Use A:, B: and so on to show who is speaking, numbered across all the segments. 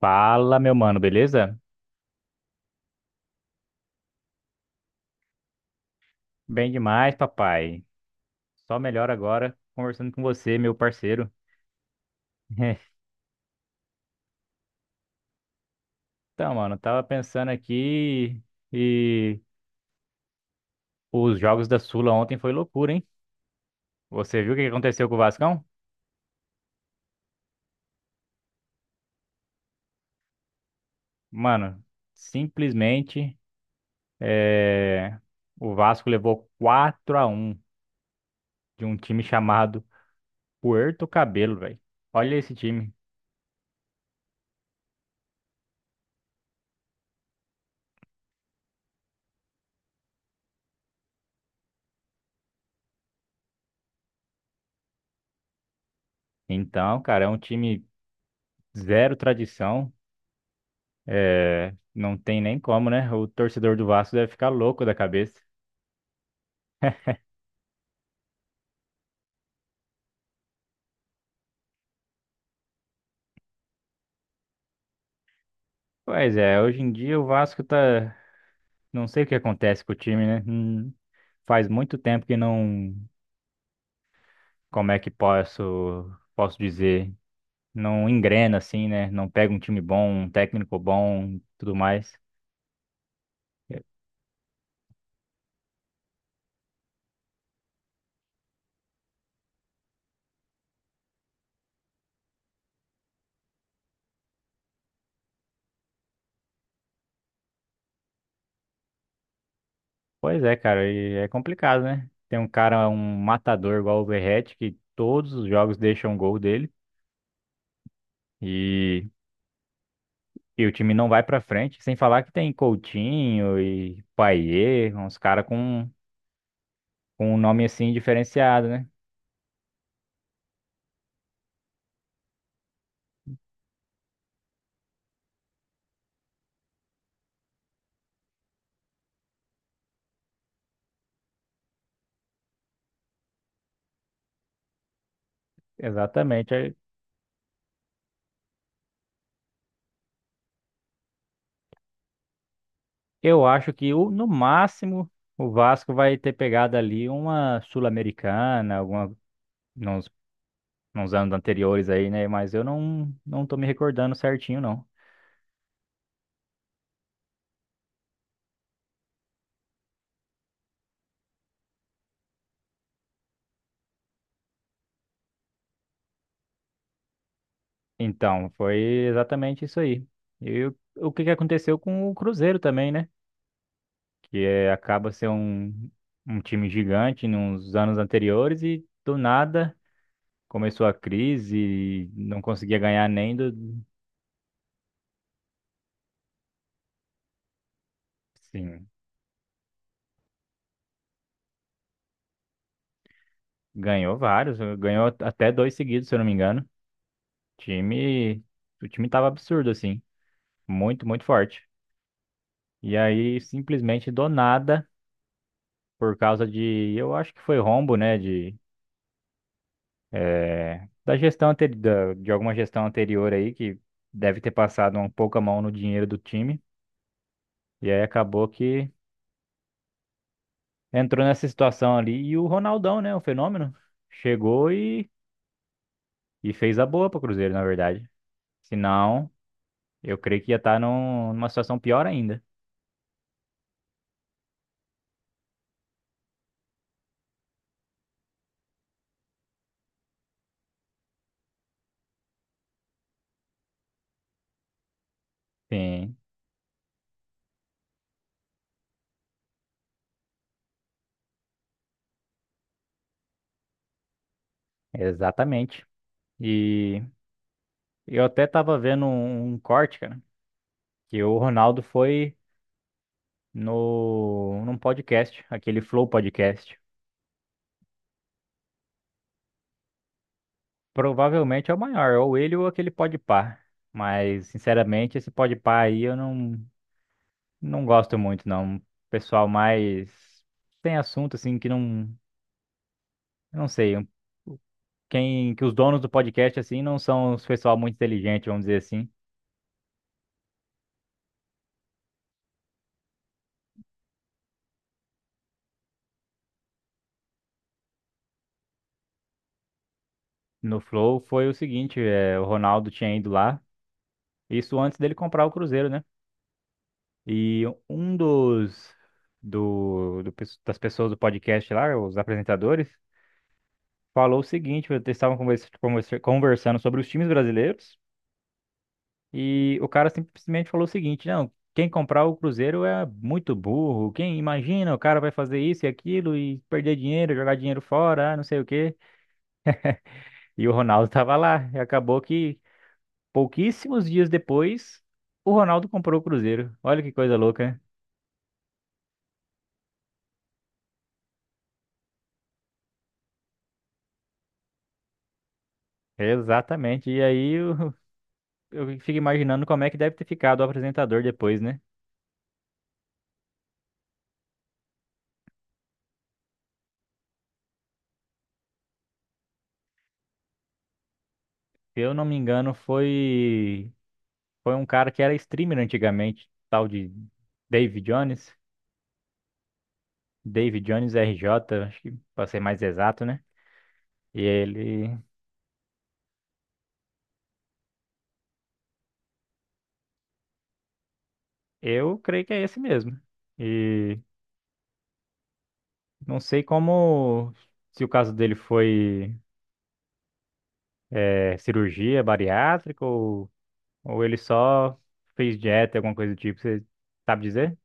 A: Fala, meu mano, beleza? Bem demais, papai. Só melhor agora conversando com você, meu parceiro. Então, mano, tava pensando aqui e os jogos da Sula ontem foi loucura, hein? Você viu o que aconteceu com o Vascão? Mano, simplesmente é, o Vasco levou 4-1 de um time chamado Puerto Cabelo, velho. Olha esse time. Então, cara, é um time zero tradição. É, não tem nem como, né? O torcedor do Vasco deve ficar louco da cabeça. Pois é, hoje em dia o Vasco tá. Não sei o que acontece com o time, né? Faz muito tempo que não. Como é que posso, posso dizer? Não engrena assim, né? Não pega um time bom, um técnico bom, tudo mais. É, pois é, cara, e é complicado, né? Tem um cara, um matador igual o Verratti, que todos os jogos deixam um gol dele. E o time não vai pra frente, sem falar que tem Coutinho e Payet, uns caras com um nome assim diferenciado, né? Exatamente. Aí eu acho que no máximo o Vasco vai ter pegado ali uma Sul-Americana, alguma nos, nos anos anteriores aí, né? Mas eu não tô me recordando certinho, não. Então, foi exatamente isso aí. E o que que aconteceu com o Cruzeiro também, né? Que é, acaba ser um time gigante nos anos anteriores e do nada começou a crise, e não conseguia ganhar nem do, sim, ganhou vários, ganhou até dois seguidos, se eu não me engano. Time, o time tava absurdo assim, muito forte. E aí simplesmente do nada, por causa de, eu acho que foi rombo, né, de é, de alguma gestão anterior aí que deve ter passado um pouco a mão no dinheiro do time. E aí acabou que entrou nessa situação ali. E o Ronaldão, né? O fenômeno. Chegou e, e fez a boa pro Cruzeiro, na verdade. Senão, eu creio que ia estar numa situação pior ainda. Sim, exatamente. E eu até tava vendo um corte, cara, que o Ronaldo foi no, num podcast, aquele Flow Podcast. Provavelmente é o maior, ou ele ou aquele Podpah. Mas, sinceramente, esse Podpah aí eu não. Não gosto muito, não. Pessoal mais sem assunto, assim, que não. Não sei. Quem, que os donos do podcast, assim, não são os pessoal muito inteligente, vamos dizer assim. No Flow foi o seguinte: é, o Ronaldo tinha ido lá, isso antes dele comprar o Cruzeiro, né? E um dos. Das pessoas do podcast lá, os apresentadores, falou o seguinte: eles estavam conversando sobre os times brasileiros. E o cara simplesmente falou o seguinte: não, quem comprar o Cruzeiro é muito burro. Quem imagina, o cara vai fazer isso e aquilo e perder dinheiro, jogar dinheiro fora, ah, não sei o quê. E o Ronaldo tava lá. E acabou que pouquíssimos dias depois, o Ronaldo comprou o Cruzeiro. Olha que coisa louca, né? Exatamente. E aí eu fico imaginando como é que deve ter ficado o apresentador depois, né? Se eu não me engano, foi um cara que era streamer antigamente, tal de David Jones. David Jones RJ, acho que para ser mais exato, né? E eu creio que é esse mesmo. E não sei como, se o caso dele foi cirurgia bariátrica ou ele só fez dieta, alguma coisa do tipo, você sabe dizer?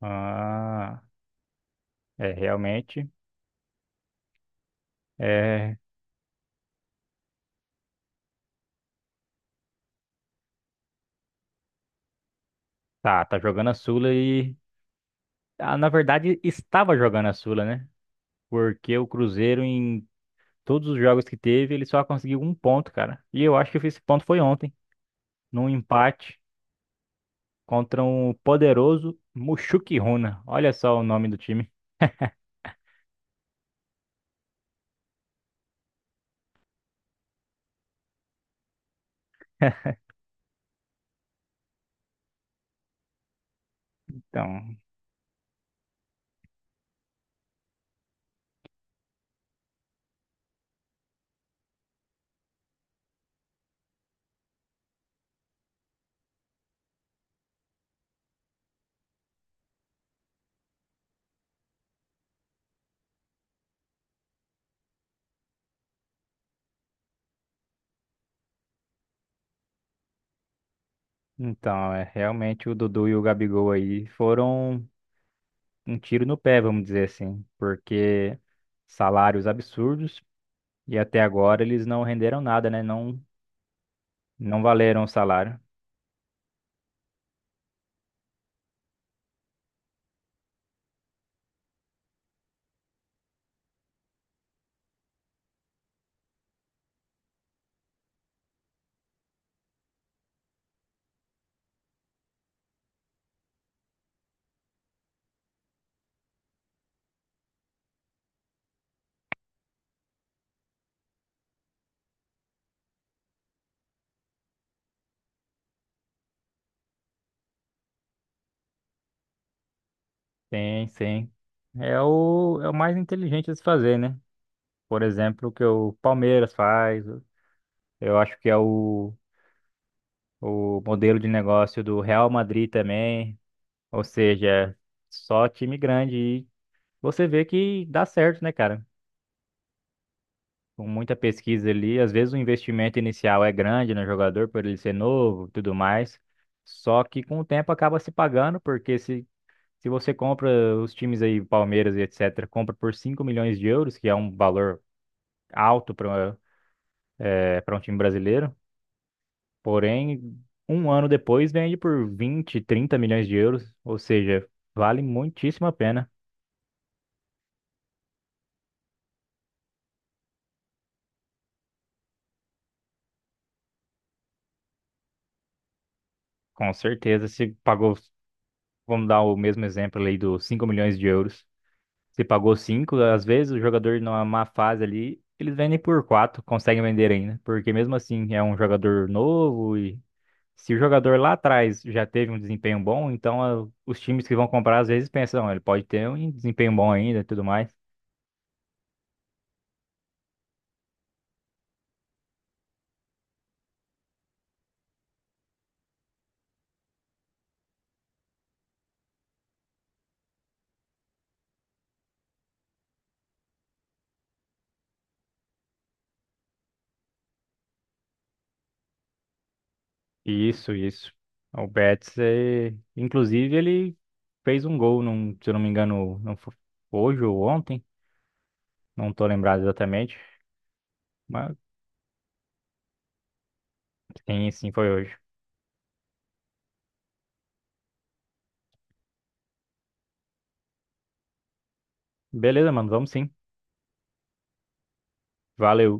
A: Ah, é realmente. É, tá, tá jogando a Sula e. Ah, na verdade, estava jogando a Sula, né? Porque o Cruzeiro, em todos os jogos que teve, ele só conseguiu um ponto, cara. E eu acho que esse ponto foi ontem, num empate contra um poderoso Mushuki Runa. Olha só o nome do time. Então, então, é realmente o Dudu e o Gabigol aí foram um tiro no pé, vamos dizer assim, porque salários absurdos e até agora eles não renderam nada, né? Não, não valeram o salário. Sim, sim. É o mais inteligente de se fazer, né? Por exemplo, o que o Palmeiras faz, eu acho que é o modelo de negócio do Real Madrid também. Ou seja, só time grande. E você vê que dá certo, né, cara? Com muita pesquisa ali. Às vezes o investimento inicial é grande no jogador, por ele ser novo e tudo mais. Só que com o tempo acaba se pagando, porque se você compra os times aí, Palmeiras e etc., compra por 5 milhões de euros, que é um valor alto para um time brasileiro. Porém, um ano depois vende por 20 a 30 milhões de euros, ou seja, vale muitíssimo a pena. Com certeza, se pagou, vamos dar o mesmo exemplo ali dos 5 milhões de euros. Se pagou 5 às vezes o jogador numa má fase ali, eles vendem por 4 conseguem vender ainda, porque mesmo assim é um jogador novo e se o jogador lá atrás já teve um desempenho bom, então ah, os times que vão comprar às vezes pensam, "Ah, ele pode ter um desempenho bom ainda e tudo mais." Isso, isso. O Betis, é... inclusive, ele fez um gol, num, se eu não me engano, não fo- hoje ou ontem, não tô lembrado exatamente, mas sim, sim, foi hoje. Beleza, mano, vamos sim. Valeu.